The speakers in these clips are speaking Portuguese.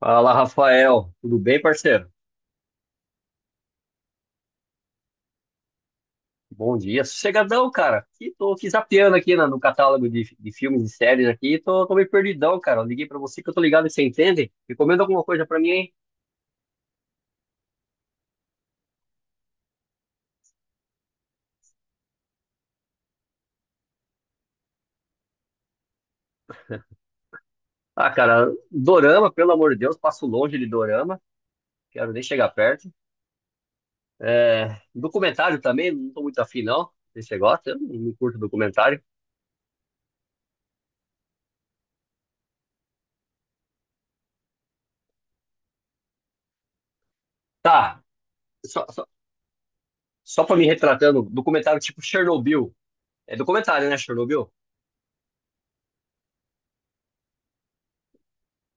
Fala, Rafael. Tudo bem, parceiro? Bom dia. Sossegadão, cara. E tô aqui zapeando aqui no catálogo de filmes e séries aqui. Tô meio perdidão, cara. Eu liguei pra você que eu tô ligado e você entende. Recomenda alguma coisa pra mim, hein? Ah, cara, dorama, pelo amor de Deus, passo longe de dorama. Quero nem chegar perto. É, documentário também, não tô muito afim, não. Se você gosta, eu não curto documentário. Tá, só, só, só pra me retratando, documentário tipo Chernobyl. É documentário, né, Chernobyl?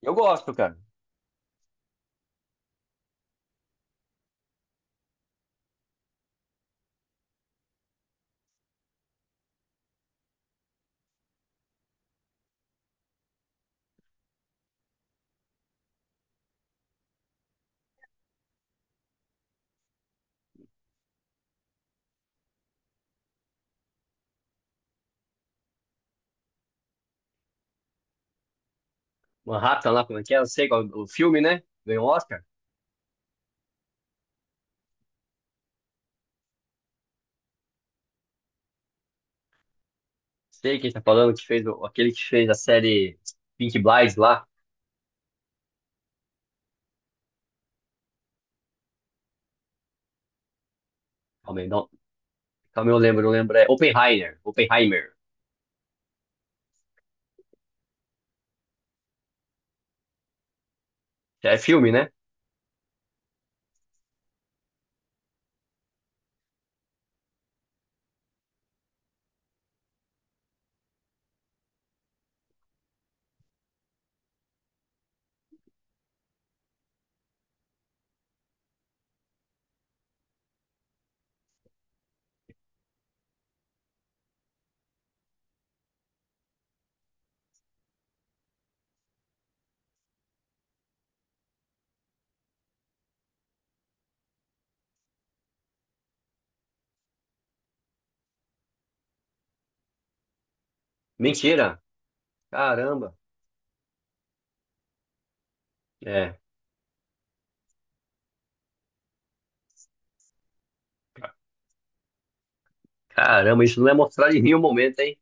Eu gosto, cara. Manhattan lá, como é que é? Eu sei qual, o filme, né? Ganhou o Oscar. Sei quem tá falando, que fez aquele que fez a série Pink Blinds lá. Calma aí, não, calma aí, eu lembro, eu lembro. É Oppenheimer, Oppenheimer. É filme, né? Mentira! Caramba! É, caramba, isso não é mostrar de mim o momento, hein?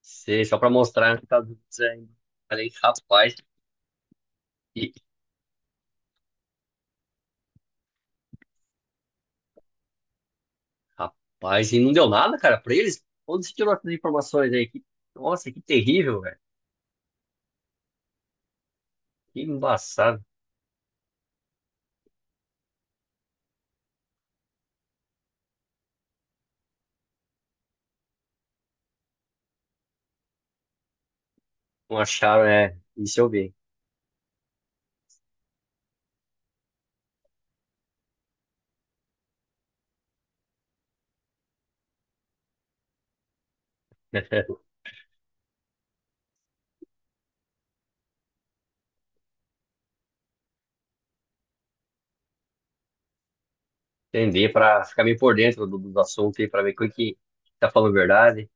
Sei, só pra mostrar que tá dizendo. Falei, rapaz, e, rapaz, e não deu nada, cara, pra eles? Onde se tirou essas informações aí? Que- nossa, que terrível, velho. Que embaçado. Não acharam, é, isso eu vi. Entender para ficar meio por dentro do assunto aí, para ver quem que tá falando a verdade.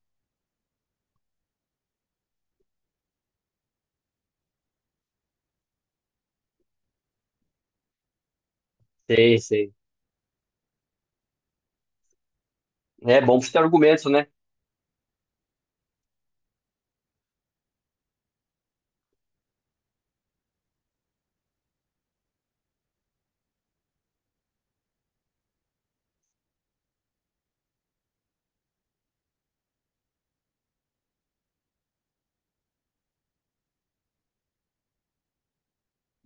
Sei, sei. É bom pra você ter argumentos, né?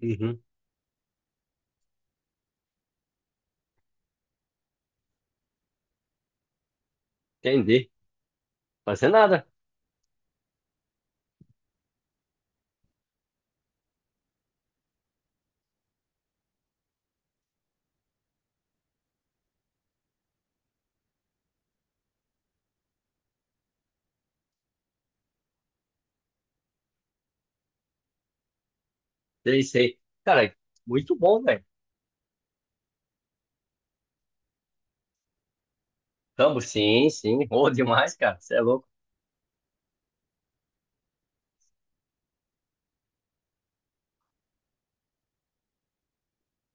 Uhum. Entendi. Fazer nada. Sei, sei. Cara, muito bom, velho. Rambo, sim, sim. Boa demais, cara. Você é louco.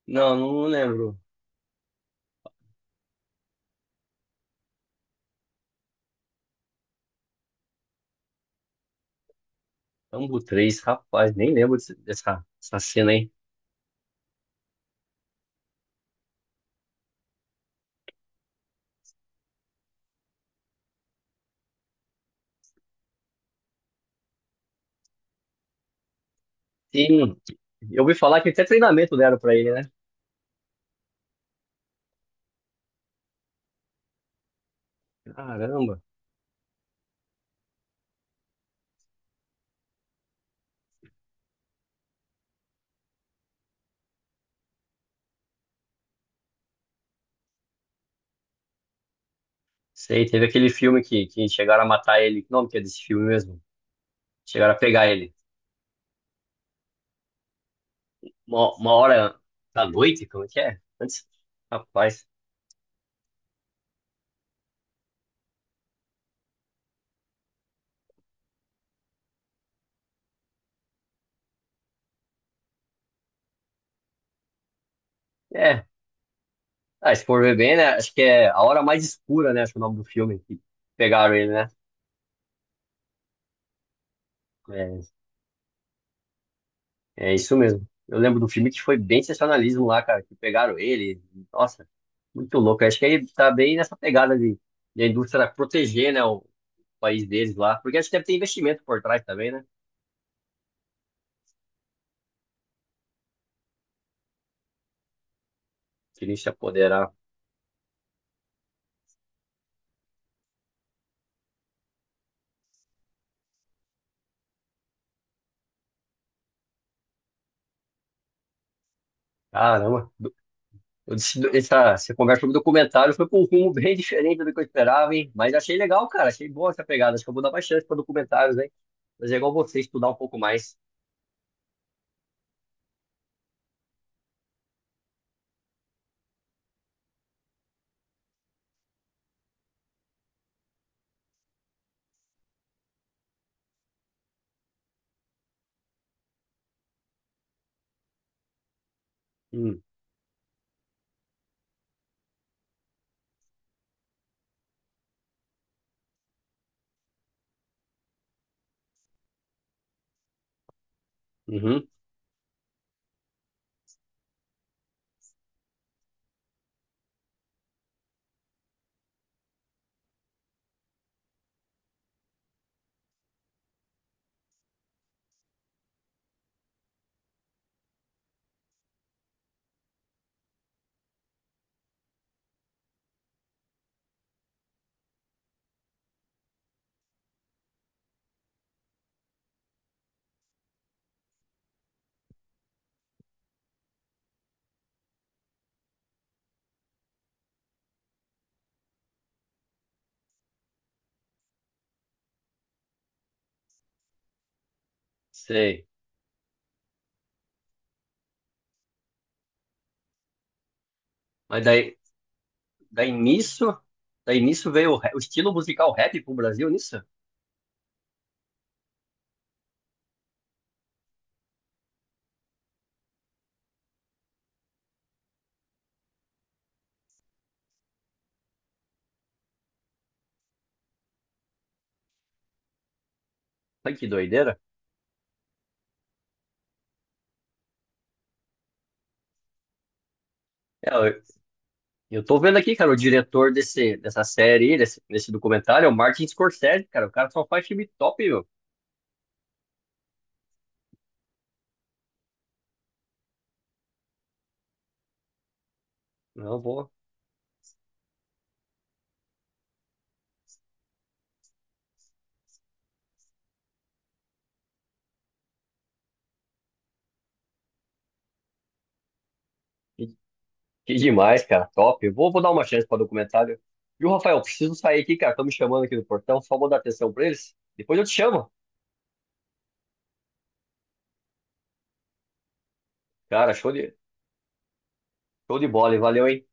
Não, não lembro. Rambo 3, rapaz, nem lembro dessa cena aí. Sim, eu ouvi falar que até treinamento deram pra ele, né? Caramba. Sei, teve aquele filme que chegaram a matar ele. Que nome que é desse filme mesmo? Chegaram a pegar ele. Uma hora da noite, como é que é? Antes, rapaz. É. Ah, se for ver bem, né? Acho que é A Hora Mais Escura, né? Acho que é o nome do filme que pegaram ele, né? É, é isso mesmo. Eu lembro do filme que foi bem sensacionalismo lá, cara, que pegaram ele. Nossa, muito louco. Acho que ele tá bem nessa pegada de a indústria proteger, né, o país deles lá. Porque acho que deve ter investimento por trás também, né? Que eles se apoderar. Caramba. Eu disse- Essa conversa sobre documentário foi para um rumo bem diferente do que eu esperava, hein? Mas achei legal, cara. Achei boa essa pegada. Acho que eu vou dar mais chance para documentários, hein? Mas é igual você, estudar um pouco mais. Hum, uhum, sei. Mas daí, daí nisso, daí nisso veio o estilo musical rap pro Brasil, nisso? Ai, que doideira. É, eu tô vendo aqui, cara, o diretor dessa série, aí, desse documentário, é o Martin Scorsese, cara. O cara só faz filme top, meu. Não, vou. Que demais, cara. Top. Eu vou dar uma chance para documentário. Viu, Rafael? Preciso sair aqui, cara. Estão me chamando aqui no portão. Só vou dar atenção para eles. Depois eu te chamo. Cara, show de bola, hein? Valeu, hein?